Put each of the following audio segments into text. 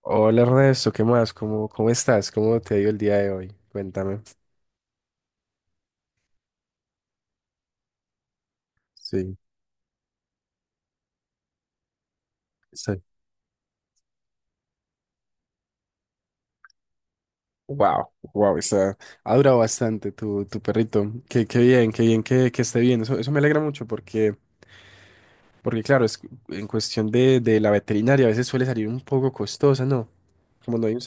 Hola Ernesto, ¿qué más? ¿Cómo estás? ¿Cómo te ha ido el día de hoy? Cuéntame. Sí, sí. Wow, ha durado bastante tu perrito. Qué bien, qué bien que esté bien. Eso me alegra mucho porque claro, es, en cuestión de la veterinaria a veces suele salir un poco costosa, ¿no? Como no hay un...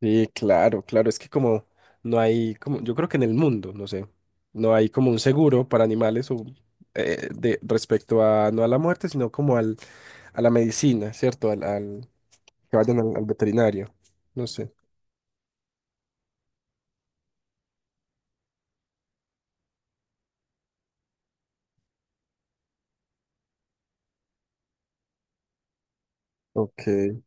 Sí, claro, claro, es que como no hay, como, yo creo que en el mundo, no sé, no hay como un seguro para animales o, de, respecto a, no a la muerte, sino como al, a la medicina, ¿cierto? Al, que vayan al, al veterinario, no sé. Ok.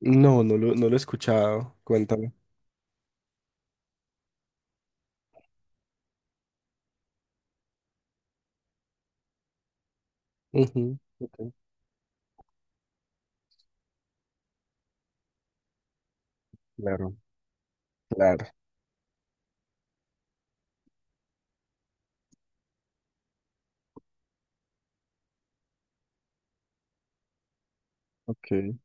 No, no lo, no lo he escuchado, cuéntame. Ujú, ok. Claro, claro, ok,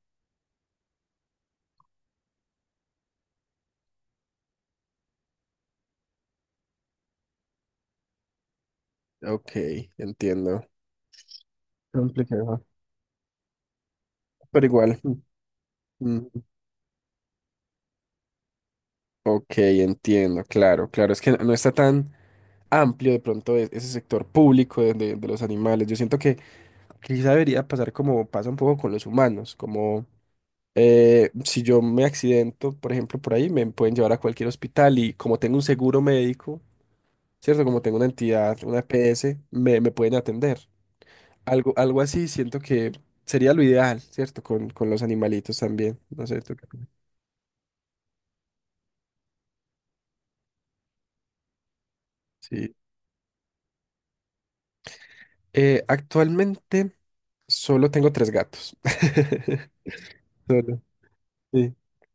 ok, entiendo. Complicado. Pero igual, mm, ok, entiendo, claro, claro, es que no no está tan... amplio de pronto ese sector público de, de los animales. Yo siento que quizá debería pasar como pasa un poco con los humanos, como si yo me accidento, por ejemplo, por ahí, me pueden llevar a cualquier hospital y como tengo un seguro médico, ¿cierto? Como tengo una entidad, una EPS, me pueden atender. Algo así siento que sería lo ideal, ¿cierto? Con los animalitos también. No sé, tú qué piensas. Sí. Actualmente solo tengo tres gatos. Solo. Sí.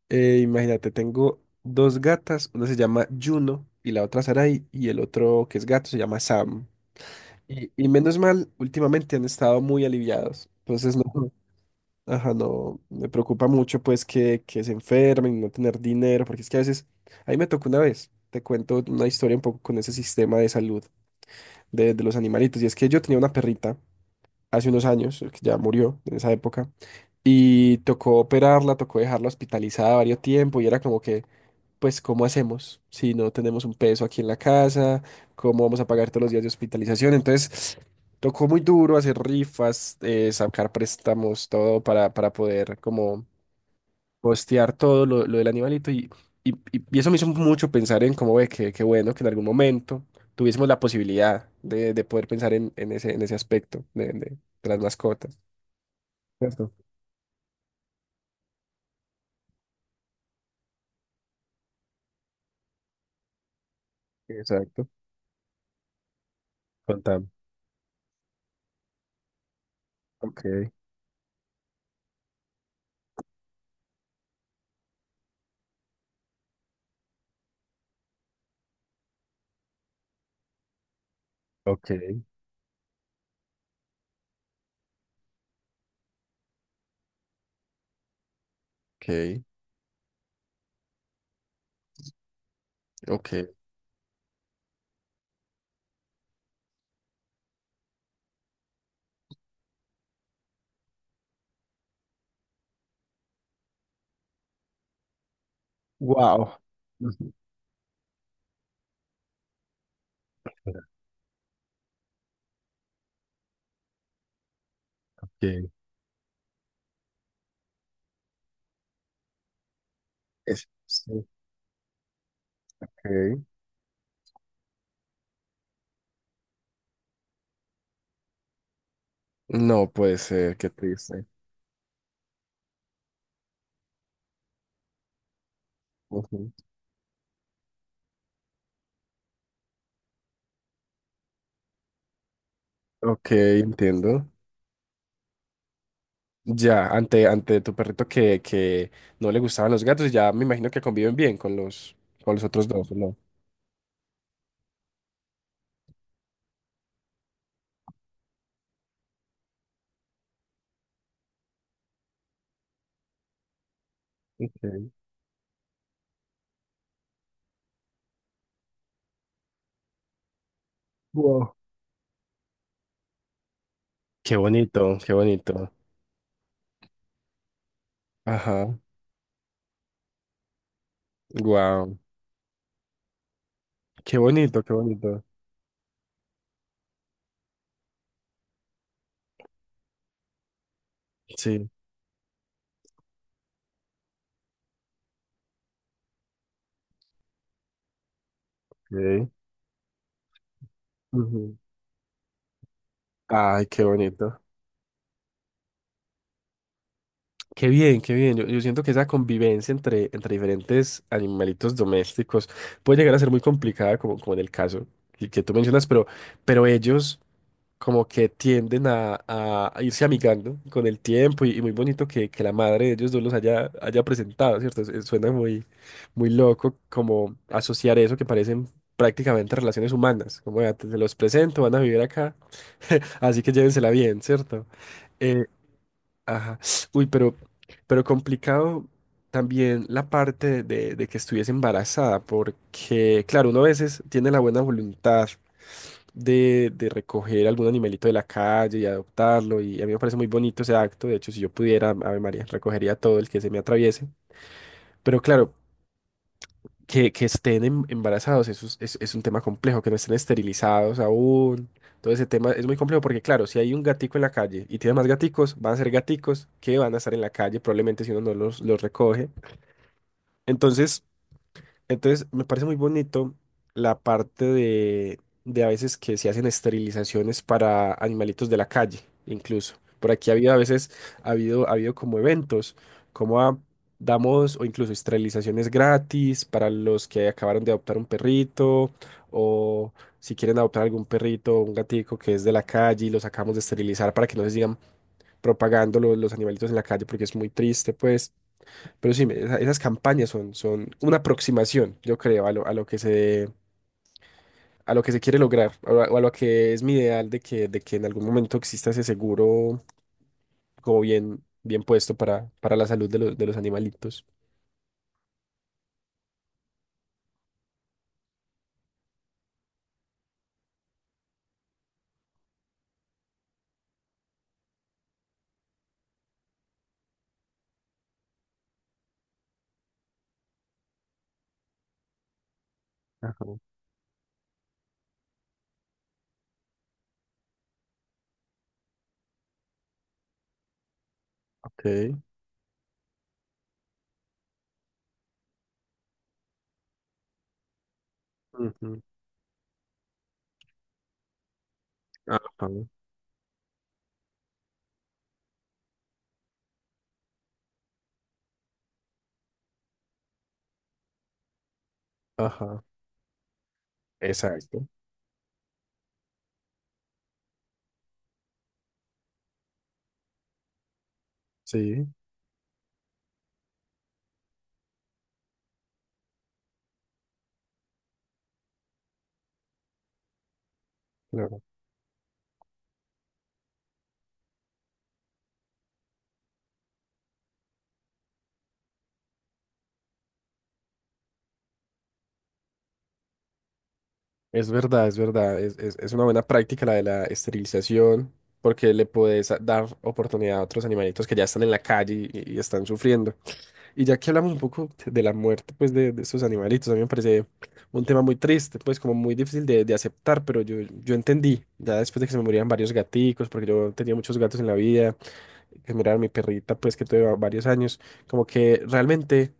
Imagínate, tengo dos gatas, una se llama Juno y la otra Sarai, y el otro que es gato se llama Sam. Y menos mal, últimamente han estado muy aliviados. Entonces no, ajá, no, me preocupa mucho pues que se enfermen, y no tener dinero, porque es que a veces, ahí me tocó una vez, te cuento una historia un poco con ese sistema de salud de los animalitos, y es que yo tenía una perrita hace unos años, que ya murió en esa época, y tocó operarla, tocó dejarla hospitalizada varios tiempo y era como que, pues, ¿cómo hacemos si no tenemos un peso aquí en la casa? ¿Cómo vamos a pagar todos los días de hospitalización? Entonces, tocó muy duro hacer rifas, sacar préstamos, todo para poder como costear todo lo del animalito y, y eso me hizo mucho pensar en cómo ve que bueno que en algún momento tuviésemos la posibilidad de poder pensar en ese aspecto de, de las mascotas. ¿Cierto? Exacto. Con Tam. Ok, ok. Ok, ok. Wow. Ujú. Ok. Es- sí, ok. No puede ser, qué triste. Ujú. Ok, entiendo. Ya, ante, ante tu perrito que no le gustaban los gatos, ya me imagino que conviven bien con los otros dos, ¿o no? Ok, wow. Qué bonito, qué bonito. Ajá. Wow. Qué bonito, qué bonito. Sí. Ok, ujú. Ay, qué bonito. Qué bien, qué bien. Yo siento que esa convivencia entre, entre diferentes animalitos domésticos puede llegar a ser muy complicada, como, como en el caso que tú mencionas, pero ellos como que tienden a, a irse amigando con el tiempo y muy bonito que la madre de ellos dos los haya, haya presentado, ¿cierto? Es- Suena muy, muy loco como asociar eso que parecen prácticamente relaciones humanas, como ya te los presento, van a vivir acá, así que llévensela bien, ¿cierto? Eh, Ajá. Uy, pero complicado también la parte de que estuviese embarazada, porque, claro, uno a veces tiene la buena voluntad de recoger algún animalito de la calle y adoptarlo, y a mí me parece muy bonito ese acto. De hecho, si yo pudiera, Ave María, recogería todo el que se me atraviese. Pero claro, que estén embarazados, eso es, es un tema complejo, que no estén esterilizados aún. Todo ese tema es muy complejo porque, claro, si hay un gatico en la calle y tiene más gaticos, van a ser gaticos que van a estar en la calle, probablemente si uno no los, los recoge. Entonces, entonces, me parece muy bonito la parte de a veces que se hacen esterilizaciones para animalitos de la calle, incluso. Por aquí ha habido a veces, ha habido como eventos, como damos o incluso esterilizaciones gratis para los que acabaron de adoptar un perrito o si quieren adoptar algún perrito o un gatico que es de la calle y los acabamos de esterilizar para que no se sigan propagando los animalitos en la calle porque es muy triste, pues. Pero sí, esa- esas campañas son, son una aproximación, yo creo, a lo que se, a lo que se quiere lograr, o a lo que es mi ideal de que en algún momento exista ese seguro como bien, bien puesto para la salud de los animalitos. Ajá, ok. Ujú. Ajá. Ajá, exacto. Sí, claro. Es verdad, es verdad. Es una buena práctica la de la esterilización, porque le puedes dar oportunidad a otros animalitos que ya están en la calle y están sufriendo. Y ya que hablamos un poco de la muerte, pues, de estos animalitos, a mí me parece un tema muy triste, pues, como muy difícil de aceptar, pero yo entendí, ya después de que se me morían varios gaticos, porque yo tenía muchos gatos en la vida, que miraban mi perrita, pues, que tuve varios años, como que realmente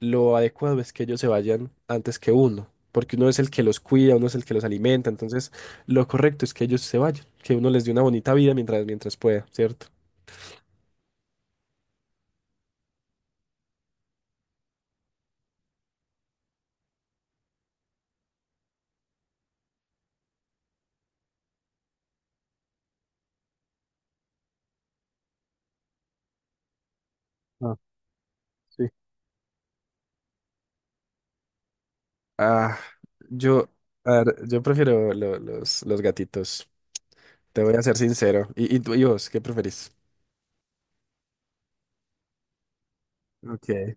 lo adecuado es que ellos se vayan antes que uno, porque uno es el que los cuida, uno es el que los alimenta, entonces lo correcto es que ellos se vayan, que uno les dé una bonita vida mientras, mientras pueda, ¿cierto? Ah, sí. Ah, yo, a ver, yo prefiero los gatitos. Te voy a ser sincero. ¿Y, y vos, qué preferís? Ok.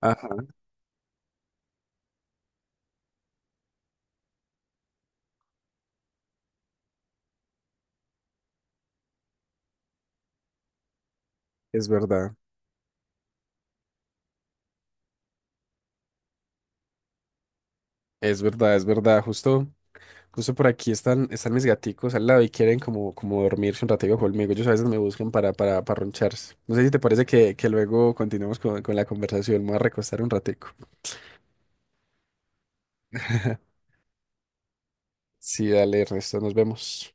Ajá, es verdad. Es verdad, es verdad. Justo, justo por aquí están, están mis gaticos al lado y quieren como, como dormirse un ratico conmigo. Ellos a veces me buscan para roncharse. No sé si te parece que luego continuemos con la conversación. Me voy a recostar un ratico. Sí, dale, Ernesto, nos vemos.